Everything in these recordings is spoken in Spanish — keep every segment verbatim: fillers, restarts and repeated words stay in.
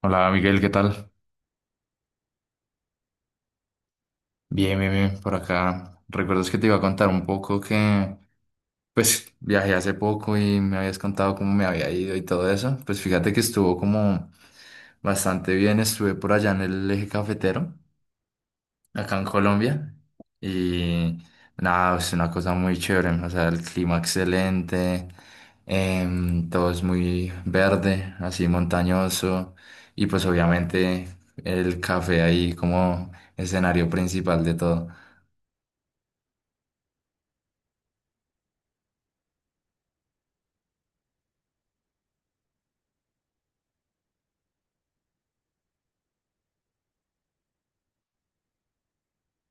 Hola Miguel, ¿qué tal? Bien, bien, bien, por acá. ¿Recuerdas que te iba a contar un poco que, pues, viajé hace poco y me habías contado cómo me había ido y todo eso? Pues fíjate que estuvo como bastante bien, estuve por allá en el eje cafetero, acá en Colombia, y nada, es una cosa muy chévere, o sea, el clima excelente, em, todo es muy verde, así montañoso, y pues obviamente el café ahí como escenario principal de todo.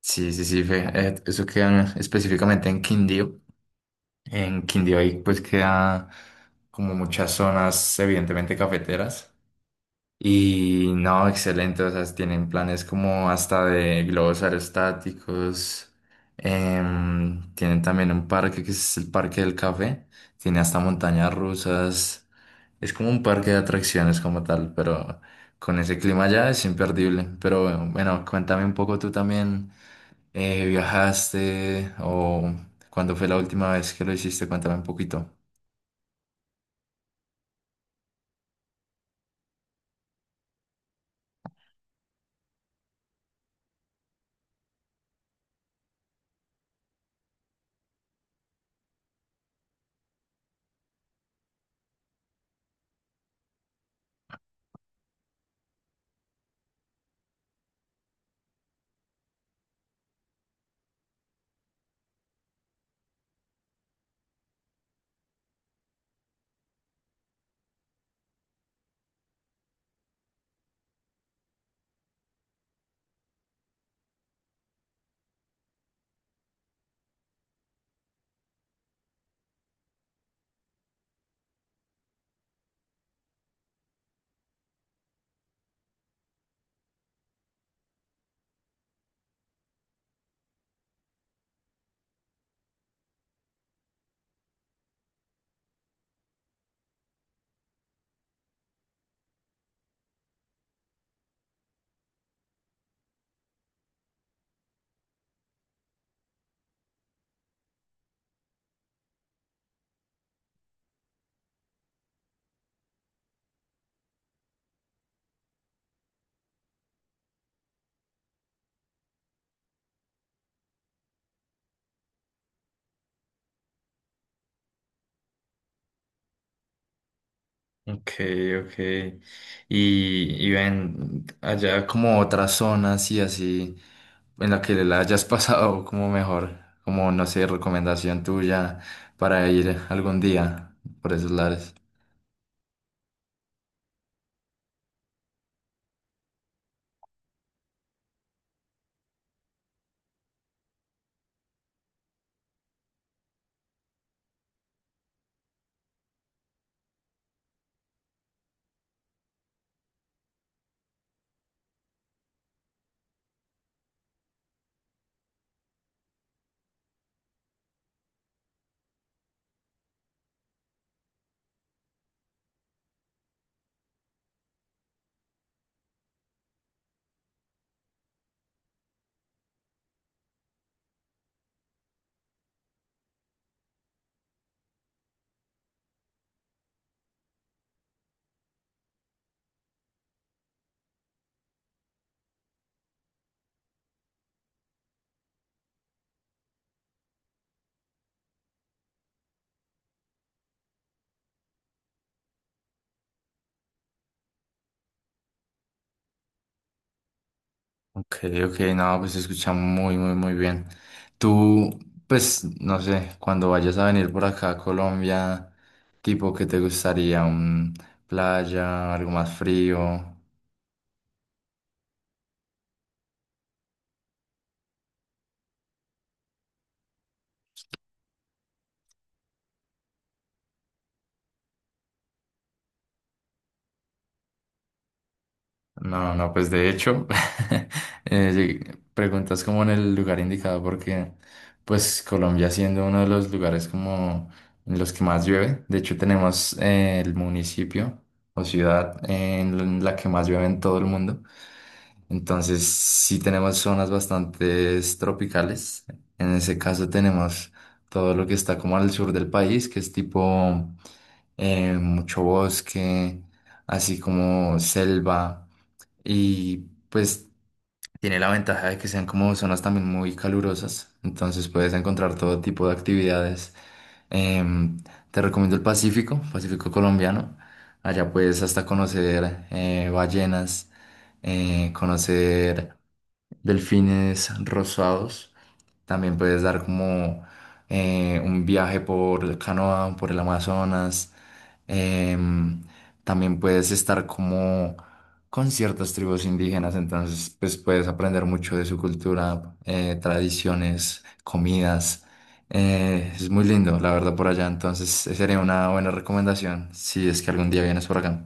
Sí, sí, sí, fe. Eh, Eso queda específicamente en Quindío. En Quindío ahí pues queda como muchas zonas evidentemente cafeteras. Y no, excelente, o sea, tienen planes como hasta de globos aerostáticos, em, tienen también un parque que es el Parque del Café, tiene hasta montañas rusas, es como un parque de atracciones como tal, pero con ese clima ya es imperdible. Pero bueno, bueno, cuéntame un poco tú también, eh, ¿viajaste o cuándo fue la última vez que lo hiciste? Cuéntame un poquito. Ok, ok. Y, y ven allá como otras zonas y así en la que la hayas pasado como mejor, como no sé, recomendación tuya para ir algún día por esos lares. Ok, ok, no, pues se escucha muy, muy, muy bien. Tú, pues, no sé, cuando vayas a venir por acá a Colombia, tipo, ¿qué te gustaría? ¿Un playa, algo más frío? No, no, pues de hecho, eh, lleg- preguntas como en el lugar indicado porque pues Colombia siendo uno de los lugares como en los que más llueve, de hecho tenemos eh, el municipio o ciudad en la que más llueve en todo el mundo, entonces sí tenemos zonas bastante tropicales, en ese caso tenemos todo lo que está como al sur del país, que es tipo eh, mucho bosque, así como selva y pues tiene la ventaja de que sean como zonas también muy calurosas, entonces puedes encontrar todo tipo de actividades. Em, Te recomiendo el Pacífico, Pacífico colombiano. Allá puedes hasta conocer eh, ballenas, eh, conocer delfines rosados. También puedes dar como eh, un viaje por canoa, por el Amazonas. Em, También puedes estar como con ciertas tribus indígenas, entonces pues puedes aprender mucho de su cultura, eh, tradiciones, comidas. Eh, es muy lindo, la verdad, por allá. Entonces, sería una buena recomendación si es que algún día vienes por acá.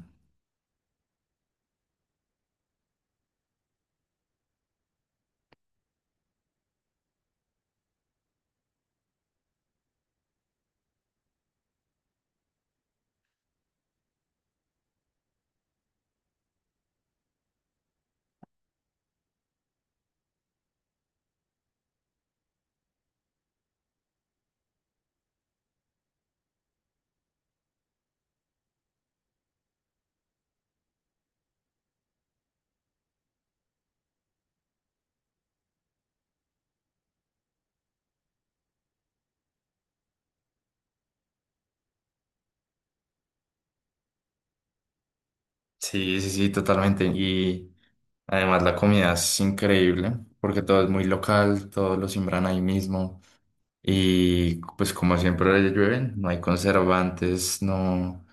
Sí, sí, sí, totalmente. Y además la comida es increíble porque todo es muy local, todos lo siembran ahí mismo. Y pues como siempre le llueven, no hay conservantes, no,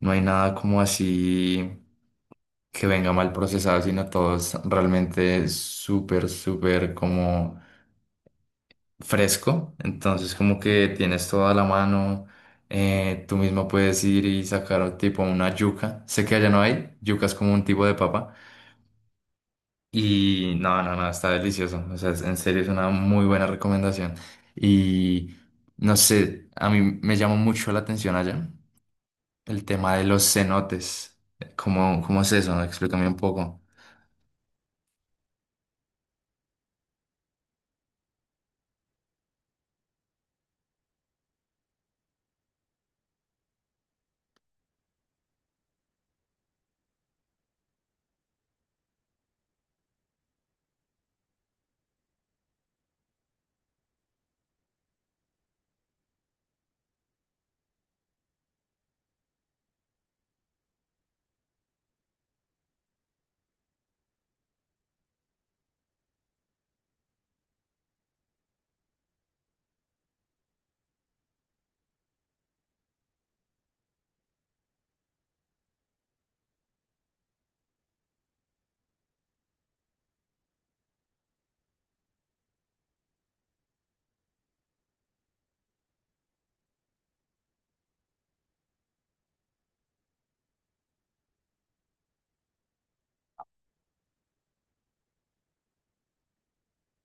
no hay nada como así que venga mal procesado, sino todo es realmente súper, súper como fresco, entonces como que tienes toda la mano, eh, tú mismo puedes ir y sacar tipo una yuca, sé que allá no hay, yuca es como un tipo de papa y no, no, no, está delicioso, o sea, es- en serio es una muy buena recomendación y no sé, a mí me llama mucho la atención allá el tema de los cenotes, ¿cómo, cómo es eso? Explícame un poco.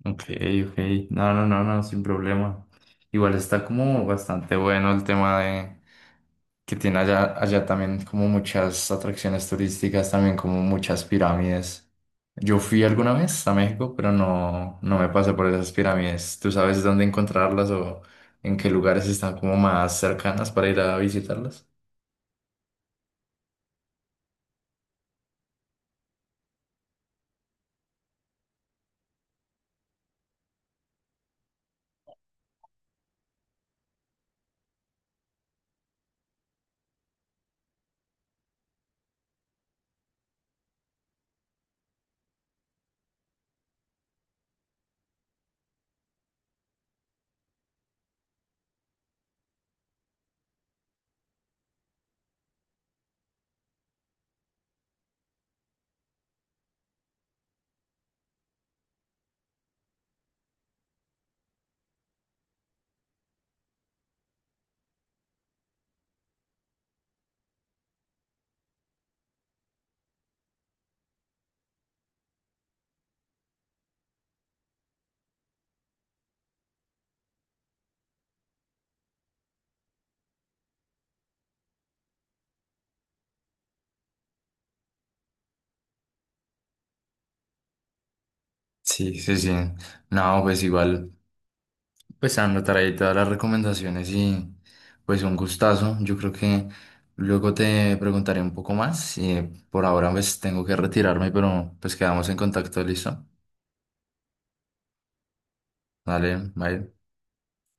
Ok, ok. No, no, no, no, sin problema. Igual está como bastante bueno el tema de que tiene allá, allá también como muchas atracciones turísticas, también como muchas pirámides. Yo fui alguna vez a México, pero no, no me pasé por esas pirámides. ¿Tú sabes dónde encontrarlas o en qué lugares están como más cercanas para ir a visitarlas? Sí, sí, sí. No, pues igual. Pues Sandra, traí todas las recomendaciones y pues un gustazo. Yo creo que luego te preguntaré un poco más. Y eh, por ahora pues tengo que retirarme, pero pues quedamos en contacto, ¿listo? Dale, bye.